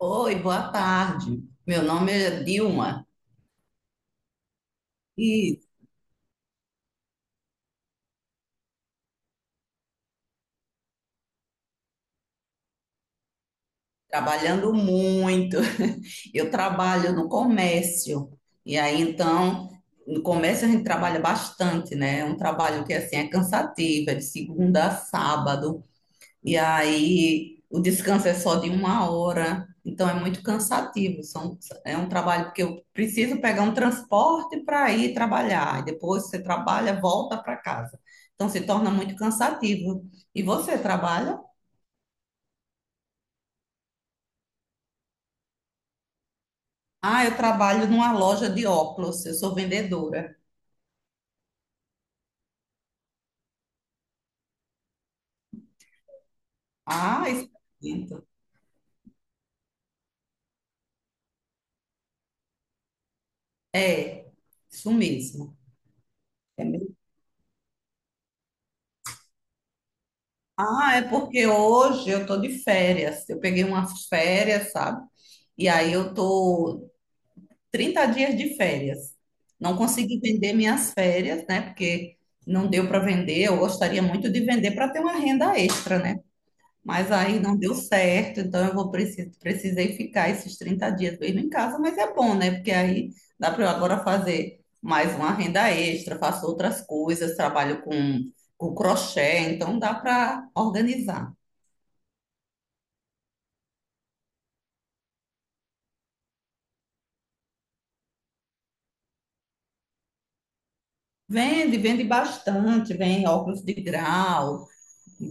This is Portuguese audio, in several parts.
Oi, boa tarde. Meu nome é Dilma e trabalhando muito. Eu trabalho no comércio e aí então no comércio a gente trabalha bastante, né? É um trabalho que assim é cansativo, é de segunda a sábado. E aí o descanso é só de uma hora, então é muito cansativo. São, é um trabalho porque eu preciso pegar um transporte para ir trabalhar. E depois você trabalha, volta para casa. Então se torna muito cansativo. E você trabalha? Ah, eu trabalho numa loja de óculos, eu sou vendedora. Ah, isso é lindo. É, isso mesmo. É mesmo? Ah, é porque hoje eu tô de férias. Eu peguei umas férias, sabe? E aí eu tô 30 dias de férias. Não consegui vender minhas férias, né? Porque não deu para vender. Eu gostaria muito de vender para ter uma renda extra, né? Mas aí não deu certo, então eu vou precisei ficar esses 30 dias mesmo em casa, mas é bom, né? Porque aí dá para eu agora fazer mais uma renda extra, faço outras coisas, trabalho com crochê, então dá para organizar. Vende, vende bastante, vem óculos de grau,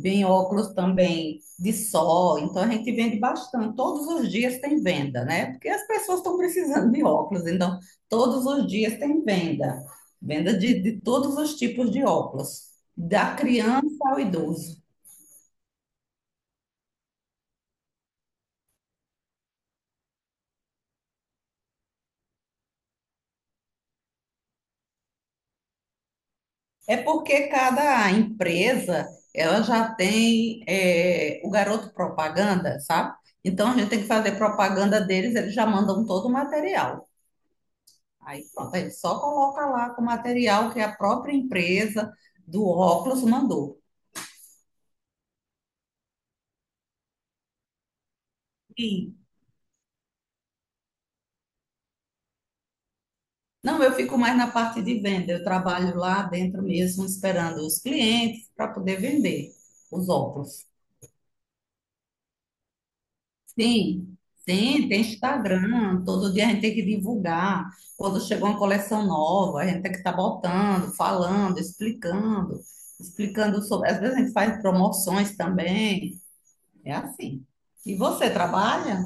vem óculos também de sol, então a gente vende bastante. Todos os dias tem venda, né? Porque as pessoas estão precisando de óculos, então todos os dias tem venda. Venda de todos os tipos de óculos, da criança ao idoso. É porque cada empresa ela já tem o garoto propaganda, sabe? Então a gente tem que fazer propaganda deles, eles já mandam todo o material. Aí pronto, aí só coloca lá com o material que a própria empresa do óculos mandou. E, não, eu fico mais na parte de venda, eu trabalho lá dentro mesmo esperando os clientes para poder vender os óculos. Sim, sim, tem Instagram, todo dia a gente tem que divulgar. Quando chega uma coleção nova, a gente tem que estar botando, falando, explicando, explicando sobre. Às vezes a gente faz promoções também, é assim. E você trabalha?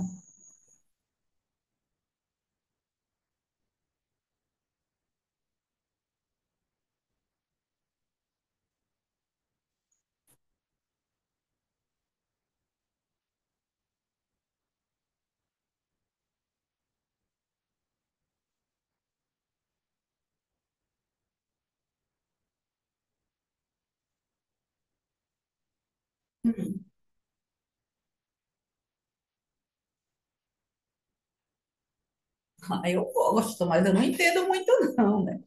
Ah, eu gosto, mas eu não entendo muito, não, né?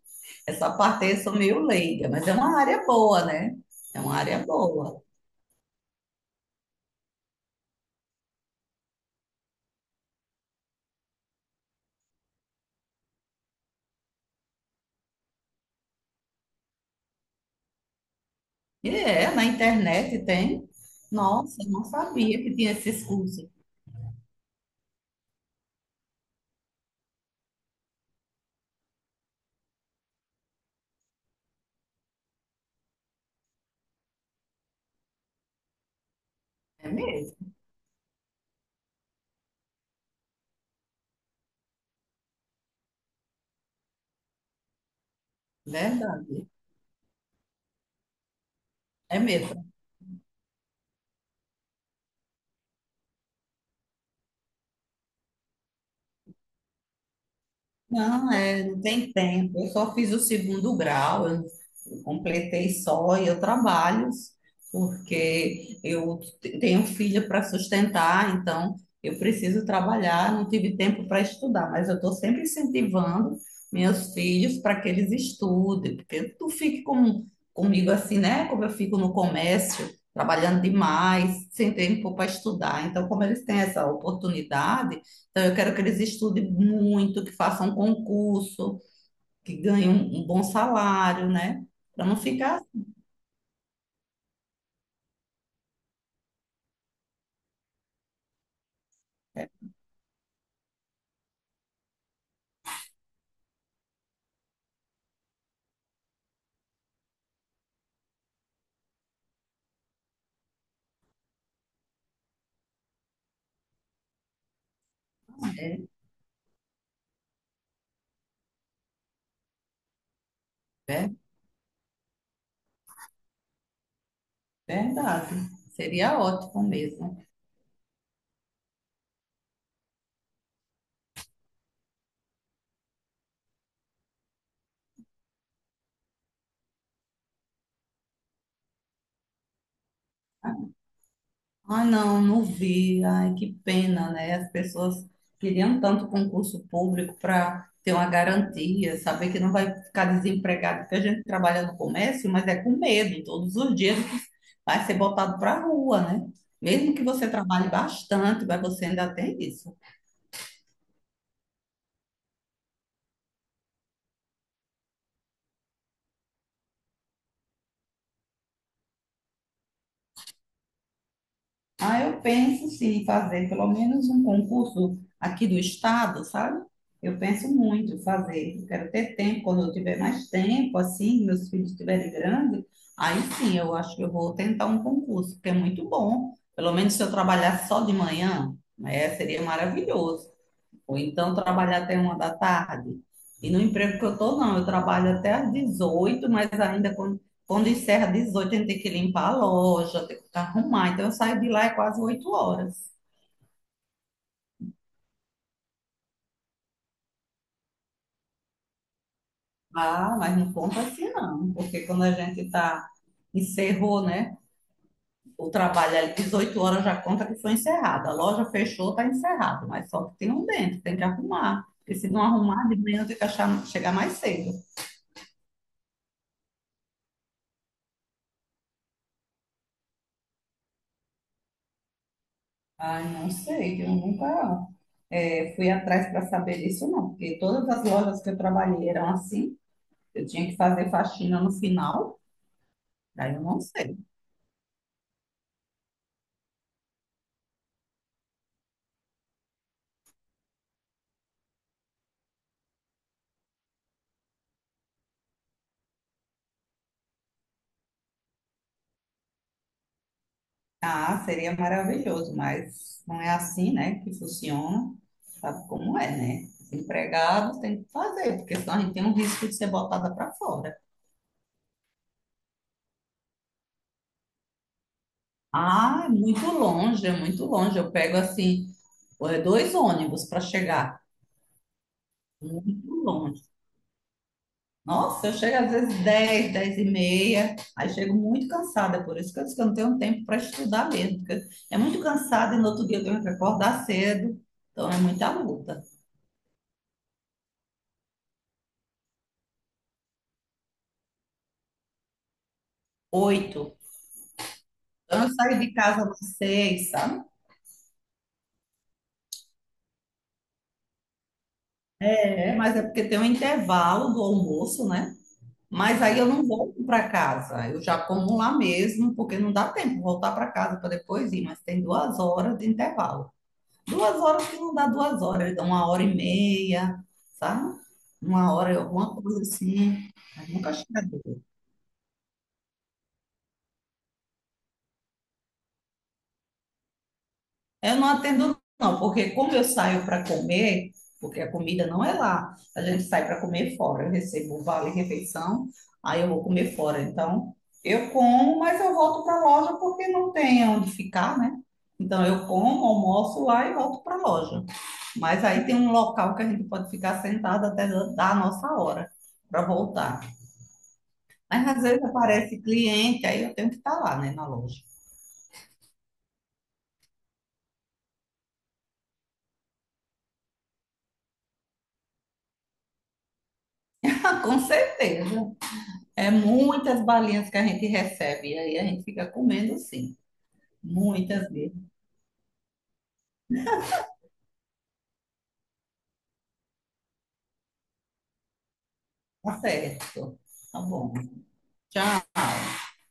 Essa parte aí eu sou meio leiga, mas é uma área boa, né? É uma área boa. E é, na internet tem. Nossa, eu não sabia que tinha esses cursos. É mesmo, verdade. É mesmo. Não, é, não tem tempo. Eu só fiz o segundo grau, eu completei só e eu trabalho, porque eu tenho filha para sustentar, então eu preciso trabalhar, não tive tempo para estudar, mas eu estou sempre incentivando meus filhos para que eles estudem, porque tu fique com, comigo assim, né? Como eu fico no comércio, trabalhando demais, sem tempo para estudar. Então, como eles têm essa oportunidade, então, eu quero que eles estudem muito, que façam um concurso, que ganhem um bom salário, né? Para não ficar. É, é, é verdade. Seria ótimo mesmo. Ai, não, não vi. Ai, que pena, né? As pessoas queriam tanto concurso público para ter uma garantia, saber que não vai ficar desempregado, porque a gente trabalha no comércio, mas é com medo. Todos os dias vai ser botado para a rua, né? Mesmo que você trabalhe bastante, mas você ainda tem isso. Ah, eu penso sim em fazer pelo menos um concurso aqui do estado, sabe? Eu penso muito em fazer. Eu quero ter tempo, quando eu tiver mais tempo, assim, meus filhos estiverem grandes, aí sim, eu acho que eu vou tentar um concurso, porque é muito bom. Pelo menos se eu trabalhar só de manhã, né, seria maravilhoso. Ou então trabalhar até uma da tarde. E no emprego que eu estou, não, eu trabalho até às 18, mas ainda quando encerra às 18, a gente tem que limpar a loja, tem que arrumar. Então eu saio de lá é quase 8 horas. Ah, mas não conta assim não, porque quando a gente tá, encerrou, né? O trabalho ali, 18 horas já conta que foi encerrado. A loja fechou, tá encerrado, mas só que tem um dentro, tem que arrumar. Porque se não arrumar, de manhã tem que achar, chegar mais cedo. Ai, não sei, eu nunca fui atrás para saber disso, não, porque todas as lojas que eu trabalhei eram assim, eu tinha que fazer faxina no final, daí eu não sei. Ah, seria maravilhoso, mas não é assim, né, que funciona, sabe como é, né? Os empregados têm que fazer, porque senão a gente tem um risco de ser botada para fora. Ah, é muito longe, eu pego assim, 2 ônibus para chegar, muito longe. Nossa, eu chego às vezes 10, 10 e meia, aí chego muito cansada, por isso que eu disse que eu não tenho tempo para estudar mesmo, porque é muito cansada e no outro dia eu tenho que acordar cedo, então é muita luta. Oito, então eu saio de casa às 6, sabe? É, mas é porque tem um intervalo do almoço, né? Mas aí eu não volto para casa, eu já como lá mesmo, porque não dá tempo de voltar para casa para depois ir, mas tem 2 horas de intervalo. Duas horas que não dá 2 horas, então 1 hora e meia, sabe? 1 hora, alguma coisa assim. Mas nunca chega a duas. Eu não atendo, não, porque como eu saio para comer, porque a comida não é lá, a gente sai para comer fora. Eu recebo o vale refeição, aí eu vou comer fora. Então, eu como, mas eu volto para a loja porque não tem onde ficar, né? Então, eu como, almoço lá e volto para a loja. Mas aí tem um local que a gente pode ficar sentado até dar a nossa hora para voltar. Mas às vezes aparece cliente, aí eu tenho que estar lá, né, na loja. Com certeza. É muitas balinhas que a gente recebe, e aí a gente fica comendo sim. Muitas mesmo. Tá certo. Tá bom. Tchau.